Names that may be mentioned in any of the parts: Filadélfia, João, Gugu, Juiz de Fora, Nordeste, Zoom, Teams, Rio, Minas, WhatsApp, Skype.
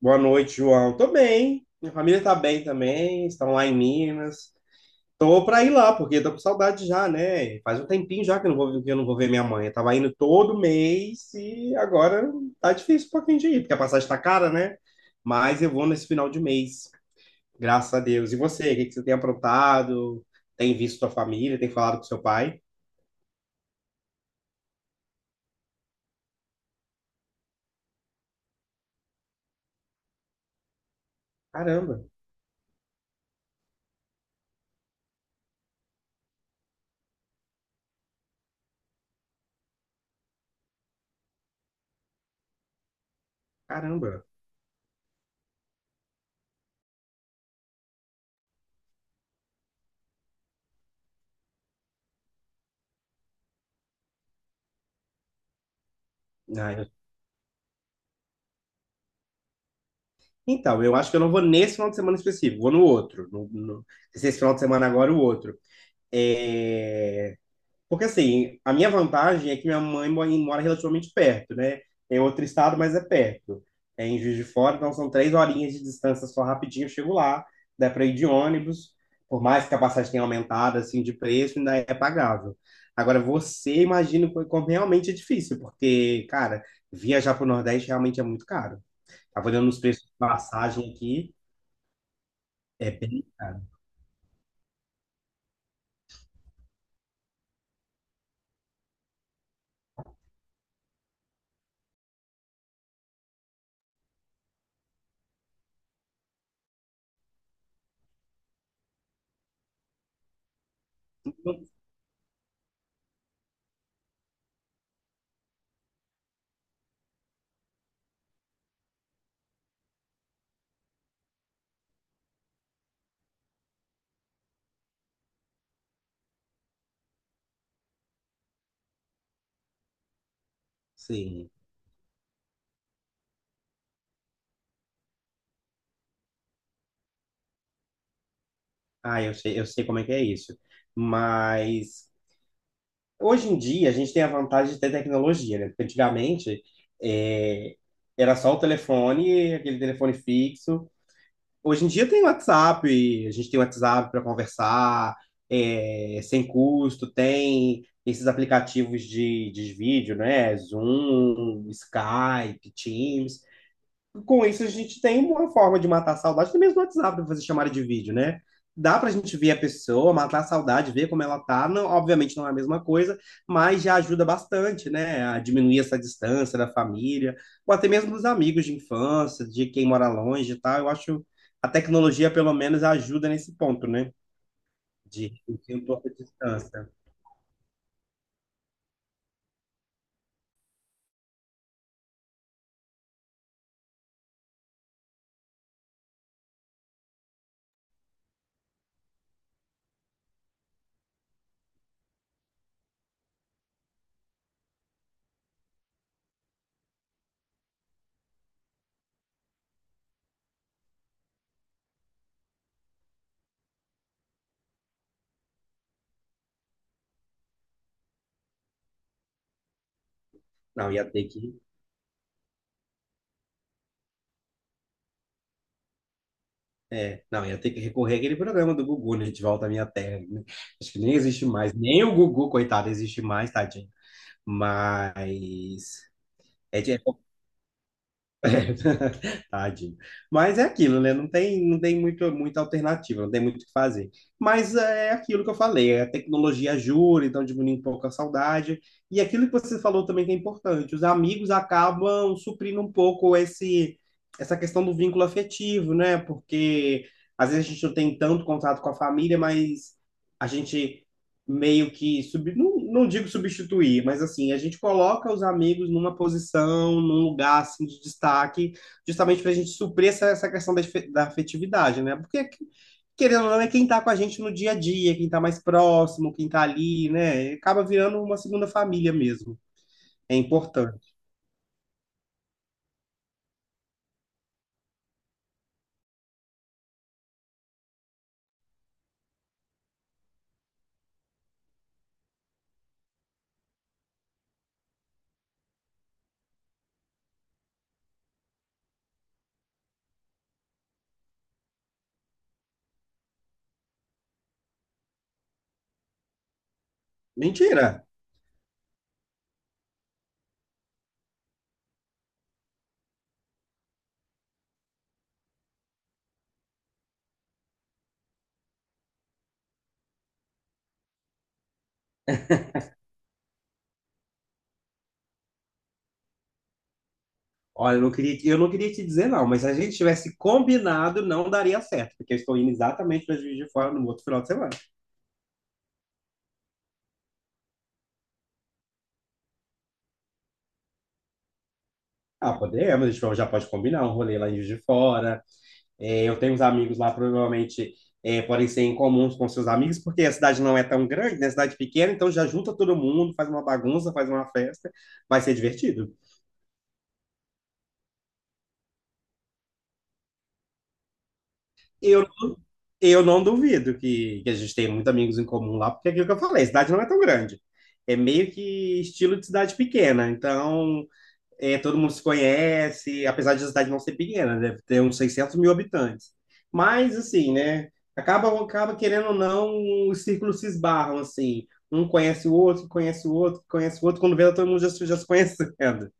Boa noite, João. Tô bem. Minha família tá bem também, estão lá em Minas. Tô pra ir lá, porque tô com saudade já, né? Faz um tempinho já que eu não vou, ver minha mãe. Eu tava indo todo mês e agora tá difícil um pouquinho de ir, porque a passagem tá cara, né? Mas eu vou nesse final de mês, graças a Deus. E você, o que que você tem aprontado? Tem visto sua família? Tem falado com seu pai? Caramba, caramba. Ah, eu- Então, eu acho que eu não vou nesse final de semana específico, vou no outro. No, no... Esse final de semana agora, o outro. É, porque assim, a minha vantagem é que minha mãe mora relativamente perto, né? É outro estado, mas é perto. É em Juiz de Fora, então são 3 horinhas de distância, só rapidinho eu chego lá, dá para ir de ônibus, por mais que a passagem tenha aumentado assim de preço, ainda é pagável. Agora você imagina como realmente é difícil, porque, cara, viajar para o Nordeste realmente é muito caro. Tava olhando os preços de passagem aqui, é bem caro. Sim. Ah, eu sei como é que é isso. Mas hoje em dia, a gente tem a vantagem de ter tecnologia, né? Porque antigamente é, era só o telefone, aquele telefone fixo. Hoje em dia tem WhatsApp, a gente tem WhatsApp para conversar, sem custo, tem esses aplicativos de vídeo, né? Zoom, Skype, Teams, com isso a gente tem uma forma de matar a saudade, até mesmo no WhatsApp, para fazer chamada de vídeo, né? Dá para a gente ver a pessoa, matar a saudade, ver como ela tá. Não, obviamente não é a mesma coisa, mas já ajuda bastante, né? A diminuir essa distância da família, ou até mesmo dos amigos de infância, de quem mora longe e tal. Eu acho a tecnologia, pelo menos, ajuda nesse ponto, né? De reduzir um pouco a distância. Não, ia ter que. É, não, ia ter que recorrer àquele programa do Gugu, né? De volta à minha terra, né? Acho que nem existe mais. Nem o Gugu, coitado, existe mais, tadinho. Mas é, de- é é, Tadinho. Mas é aquilo, né? Não tem muito, muita alternativa, não tem muito o que fazer. Mas é aquilo que eu falei, é a tecnologia ajuda, então diminui um pouco a saudade. E aquilo que você falou também que é importante, os amigos acabam suprindo um pouco esse, essa questão do vínculo afetivo, né? Porque às vezes a gente não tem tanto contato com a família, mas a gente meio que não, não digo substituir, mas assim, a gente coloca os amigos numa posição, num lugar assim de destaque, justamente para a gente suprir essa questão da afetividade, né? Porque querendo ou não é quem está com a gente no dia a dia, quem está mais próximo, quem está ali, né? Acaba virando uma segunda família mesmo. É importante. Mentira. Olha, eu não queria te dizer não, mas se a gente tivesse combinado, não daria certo, porque eu estou indo exatamente para Juiz de Fora no outro final de semana. Ah, podemos, a gente já pode combinar um rolê lá em Juiz de Fora. É, eu tenho uns amigos lá, provavelmente podem ser em comuns com seus amigos, porque a cidade não é tão grande, né? A cidade pequena, então já junta todo mundo, faz uma bagunça, faz uma festa, vai ser divertido. Eu, eu não duvido que a gente tem muitos amigos em comum lá, porque é aquilo que eu falei, a cidade não é tão grande. É meio que estilo de cidade pequena, então todo mundo se conhece, apesar de a cidade não ser pequena, né? Deve ter uns 600 mil habitantes. Mas, assim, né? Acaba querendo ou não, os círculos se esbarram, assim. Um conhece o outro, conhece o outro, conhece o outro. Quando vê, todo mundo já se conhecendo.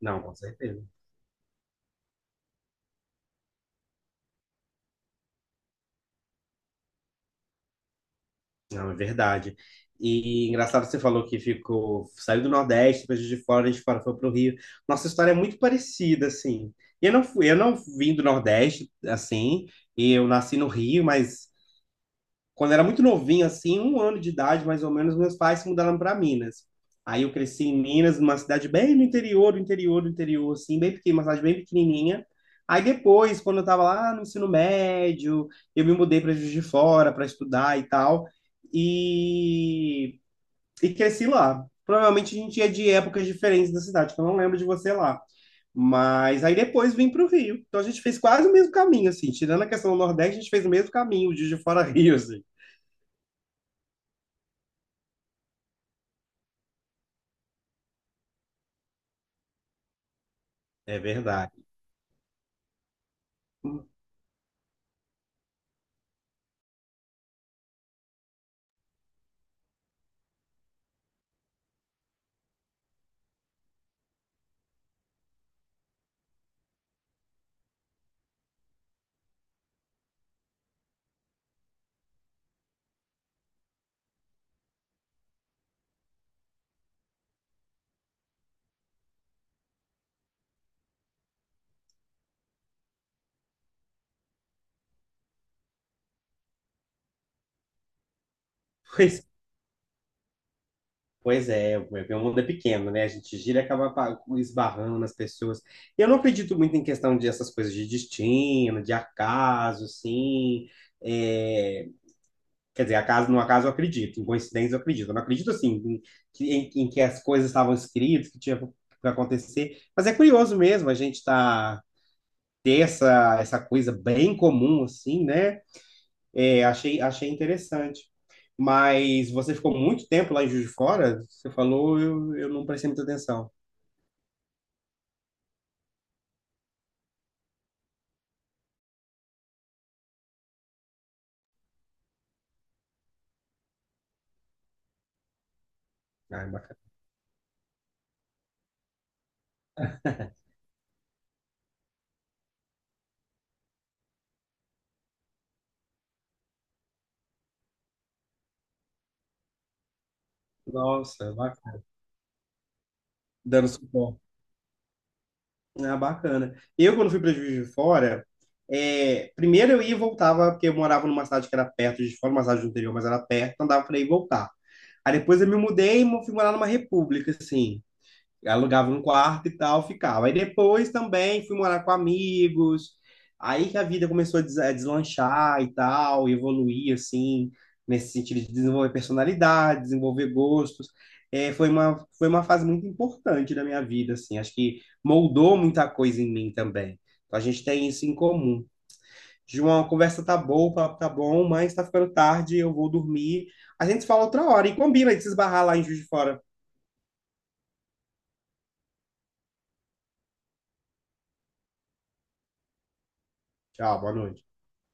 Não, com certeza. Não, é verdade. E engraçado que você falou que ficou, saiu do Nordeste, depois de fora, a gente fora foi para o Rio. Nossa história é muito parecida, assim. Eu não vim do Nordeste, assim, e eu nasci no Rio, mas quando eu era muito novinho, assim, 1 ano de idade, mais ou menos, meus pais se mudaram para Minas. Aí eu cresci em Minas, numa cidade bem no interior, do interior, do interior, assim, bem pequena, uma cidade bem pequenininha. Aí depois, quando eu estava lá no ensino médio, eu me mudei para Juiz de Fora para estudar e tal, e, e cresci lá. Provavelmente a gente ia de épocas diferentes da cidade, que eu não lembro de você lá. Mas aí depois vim para o Rio. Então a gente fez quase o mesmo caminho, assim. Tirando a questão do Nordeste, a gente fez o mesmo caminho, de Juiz de Fora a Rio, assim. É verdade. Pois, pois é, o meu mundo é pequeno, né? A gente gira e acaba esbarrando nas pessoas. E eu não acredito muito em questão de essas coisas de destino, de acaso, assim. É, quer dizer, acaso, no acaso eu acredito, em coincidência eu acredito. Eu não acredito, assim, em que as coisas estavam escritas, que tinha para acontecer. Mas é curioso mesmo a gente tá, ter essa coisa bem comum, assim, né? É, achei interessante. Mas você ficou muito tempo lá em Juiz de Fora? Você falou, eu não prestei muita atenção. Ah, é bacana. Nossa, é bacana. Dando suporte. Ah, bacana. Eu, quando fui para Juiz de Fora, primeiro eu ia e voltava, porque eu morava numa cidade que era perto de Juiz de Fora, uma cidade do interior, mas era perto, então dava para ir e voltar. Aí depois eu me mudei e fui morar numa república, assim. Alugava um quarto e tal, ficava. Aí depois também fui morar com amigos, aí que a vida começou a a deslanchar e tal, e evoluir assim, nesse sentido de desenvolver personalidade, desenvolver gostos. É, foi uma fase muito importante da minha vida, assim, acho que moldou muita coisa em mim também. Então a gente tem isso em comum. João, a conversa tá boa, o papo tá bom, mas tá ficando tarde, eu vou dormir. A gente se fala outra hora e combina de se esbarrar lá em Juiz de Fora. Tchau, boa noite.